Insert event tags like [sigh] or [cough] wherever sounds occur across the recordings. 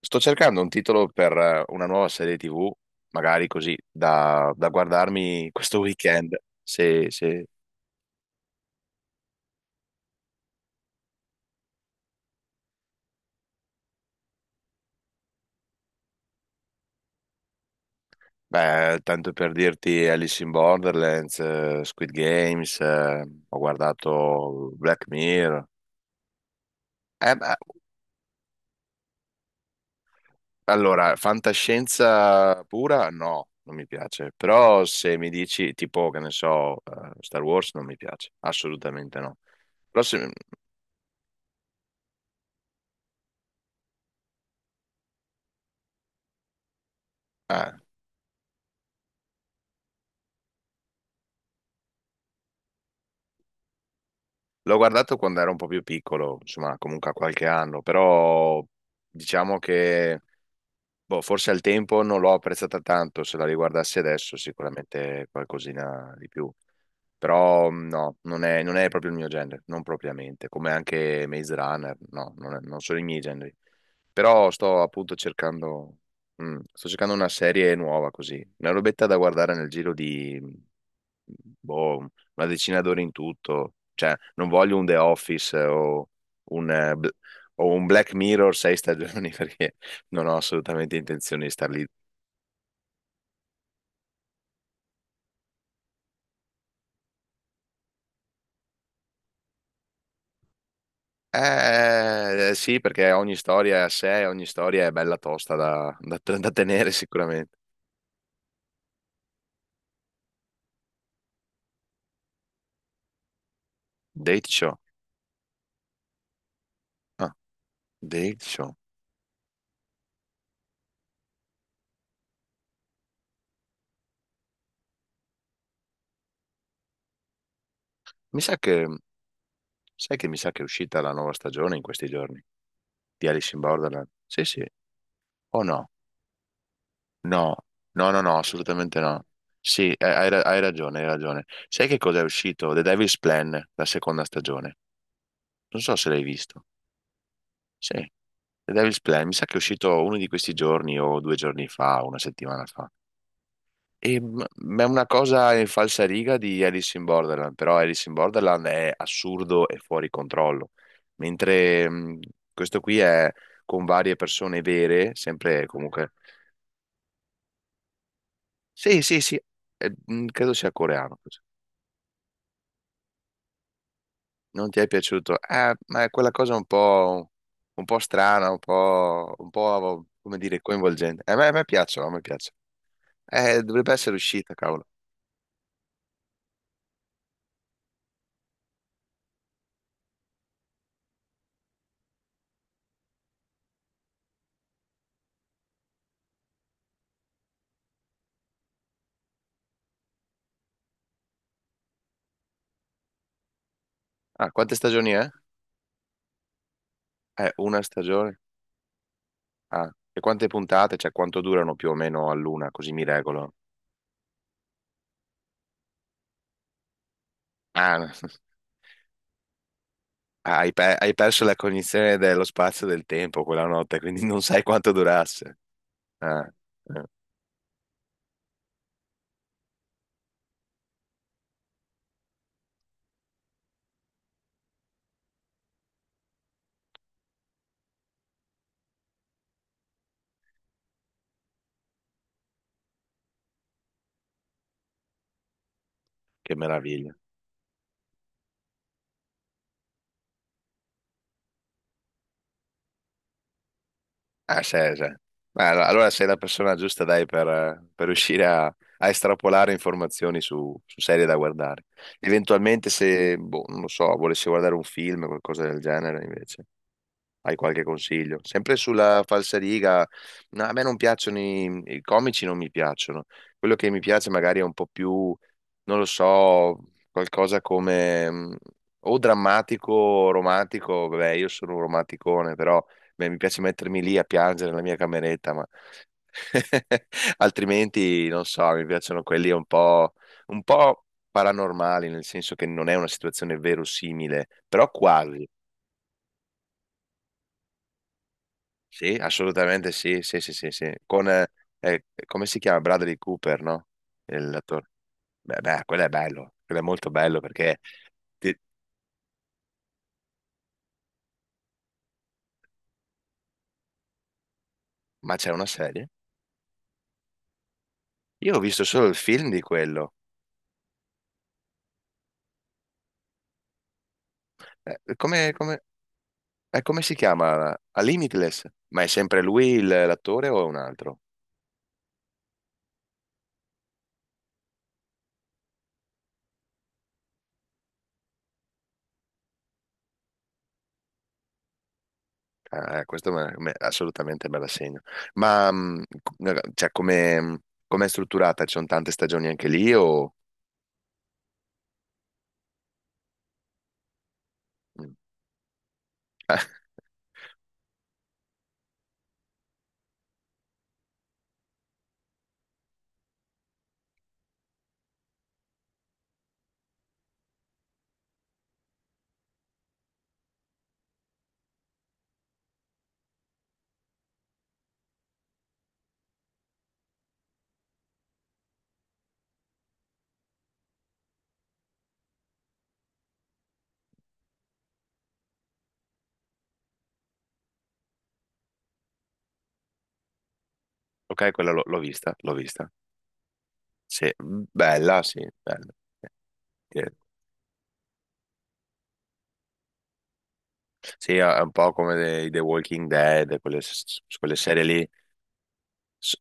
Sto cercando un titolo per una nuova serie TV, magari così, da guardarmi [laughs] questo weekend. Se, se- beh, tanto per dirti Alice in Borderlands, Squid Games, ho guardato Black Mirror. Beh, allora, fantascienza pura? No, non mi piace. Però se mi dici tipo, che ne so, Star Wars non mi piace, assolutamente no. Però se, eh, l'ho guardato quando ero un po' più piccolo, insomma, comunque a qualche anno, però diciamo che boh, forse al tempo non l'ho apprezzata tanto, se la riguardassi adesso sicuramente qualcosina di più, però no, non è proprio il mio genere, non propriamente, come anche Maze Runner, no, non, non sono i miei generi, però sto appunto cercando, sto cercando una serie nuova così, una robetta da guardare nel giro di, boh, una decina d'ore in tutto, cioè non voglio un The Office, o un... eh, Bl- o un Black Mirror sei stagioni [laughs] perché non ho assolutamente intenzione di star lì. Sì, perché ogni storia è a sé, ogni storia è bella tosta da, [laughs] da tenere sicuramente. Date Show. Ah, Date Show. Mi sa che, sai che mi sa che è uscita la nuova stagione in questi giorni di Alice in Borderland. Sì, sì. O no? No, no, no, no, assolutamente no. Sì, hai ragione, hai ragione. Sai che cosa è uscito? The Devil's Plan, la seconda stagione. Non so se l'hai visto. Sì. The Devil's Plan, mi sa che è uscito uno di questi giorni o 2 giorni fa, una settimana fa. Ma è una cosa in falsariga di Alice in Borderland, però Alice in Borderland è assurdo e fuori controllo, mentre questo qui è con varie persone vere, sempre comunque. Sì, sì, sì, credo sia coreano questo. Non ti è piaciuto? Ma è quella cosa un po' strana, un po', come dire, coinvolgente. A me piacciono, a me piacciono. Dovrebbe essere uscita, cavolo. Ah, quante stagioni è? È una stagione? Ah, e quante puntate? Cioè, quanto durano più o meno all'una? Così mi regolo. Ah, [laughs] hai perso la cognizione dello spazio e del tempo quella notte, quindi non sai quanto durasse. Ah, eh, che meraviglia. Ah, sì, sì. Beh, allora sei la persona giusta, dai, per riuscire a, estrapolare informazioni su, serie da guardare. Eventualmente, se, boh, non lo so, volessi guardare un film o qualcosa del genere, invece. Hai qualche consiglio? Sempre sulla falsariga, no, a me non piacciono i comici, non mi piacciono. Quello che mi piace magari è un po' più, non lo so, qualcosa come o drammatico o romantico. Vabbè, io sono un romanticone, però beh, mi piace mettermi lì a piangere nella mia cameretta, ma [laughs] altrimenti non so, mi piacciono quelli un po' paranormali, nel senso che non è una situazione verosimile, però quasi. Sì, assolutamente sì, sì, sì, sì, sì. Come si chiama? Bradley Cooper, no? L'attore. Beh, beh, quello è bello, quello è molto bello perché... ti- Ma c'è una serie? Io ho visto solo il film di quello. Eh, come, come- come si chiama? A Limitless? Ma è sempre lui l'attore o è un altro? Ah, questo assolutamente me la segno. Ma, cioè, come è strutturata? Ci sono tante stagioni anche lì o... Mm. [laughs] Ah, ok, quella l'ho vista, l'ho vista. Sì, bella, sì, bella. Che- Sì, è un po' come The Walking Dead, quelle, quelle serie lì. S-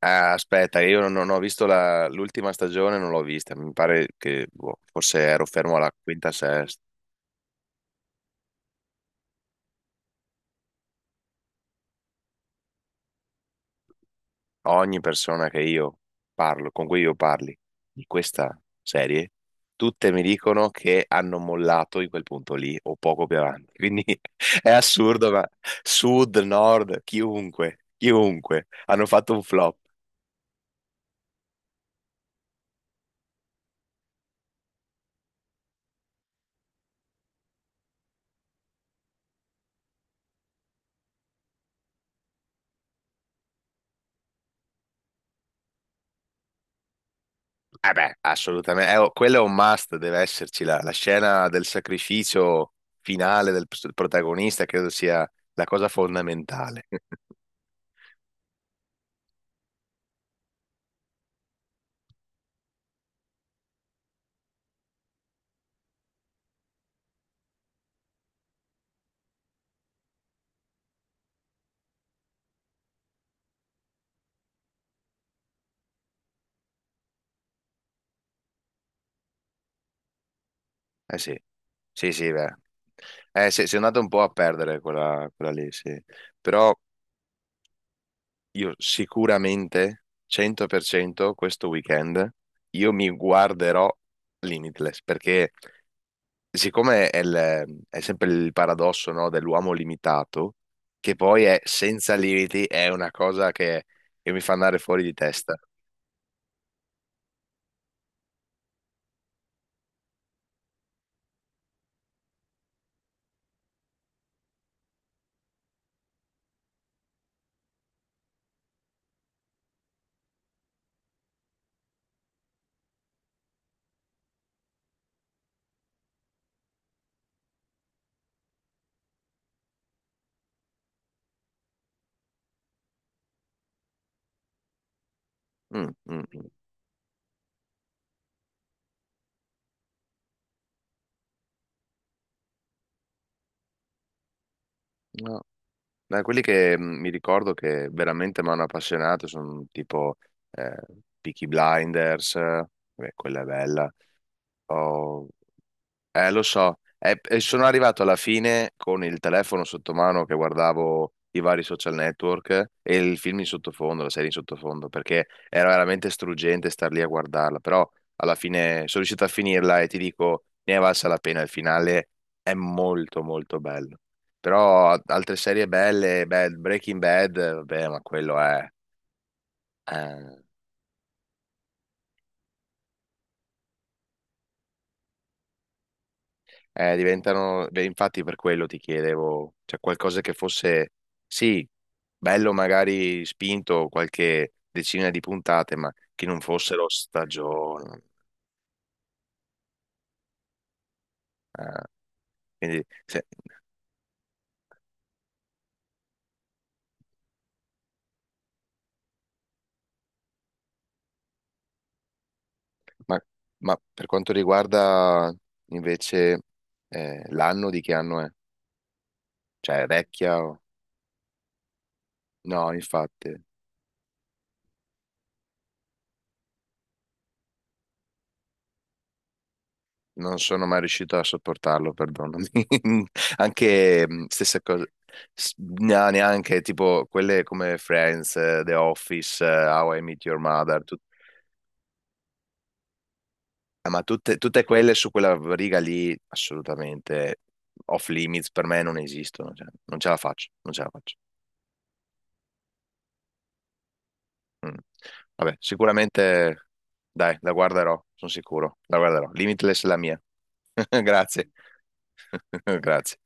aspetta, io non ho visto l'ultima stagione, non l'ho vista. Mi pare che boh, forse ero fermo alla quinta, sesta. Ogni persona che io parlo, con cui io parli di questa serie, tutte mi dicono che hanno mollato in quel punto lì o poco più avanti. Quindi [laughs] è assurdo, ma sud, nord, chiunque, chiunque, hanno fatto un flop. Beh, assolutamente. Oh, quello è un must, deve esserci la scena del sacrificio finale del protagonista, credo sia la cosa fondamentale. [laughs] Sì, sì, sì, beh. Sì, si è andato un po' a perdere quella lì, sì. Però io sicuramente, 100% questo weekend, io mi guarderò Limitless, perché siccome è sempre il paradosso, no, dell'uomo limitato, che poi è senza limiti, è una cosa che mi fa andare fuori di testa. Mm, mm, mm. No. Da quelli che mi ricordo che veramente mi hanno appassionato sono tipo eh, Peaky Blinders, beh, quella è bella. O, lo so. E sono arrivato alla fine con il telefono sotto mano che guardavo i vari social network e il film in sottofondo, la serie in sottofondo, perché era veramente struggente star lì a guardarla, però alla fine sono riuscito a finirla e ti dico, ne è valsa la pena, il finale è molto molto bello. Però altre serie belle, beh, Breaking Bad, vabbè, ma quello è... eh, diventano, beh, infatti per quello ti chiedevo, cioè qualcosa che fosse, sì, bello magari spinto qualche decina di puntate, ma che non fossero stagioni. eh, quindi, ma, ma per quanto riguarda invece, l'anno, di che anno è? Cioè, è vecchia? No, infatti. Non sono mai riuscito a sopportarlo, perdonami. [laughs] Anche stessa cosa, no, neanche tipo quelle come Friends, The Office, How I Meet Your Mother, ma tutte quelle su quella riga lì, assolutamente off limits per me non esistono, cioè, non ce la faccio, non ce la faccio. Mm. Vabbè, sicuramente, dai, la guarderò, sono sicuro, la guarderò. Limitless è la mia. [laughs] Grazie, [laughs] grazie.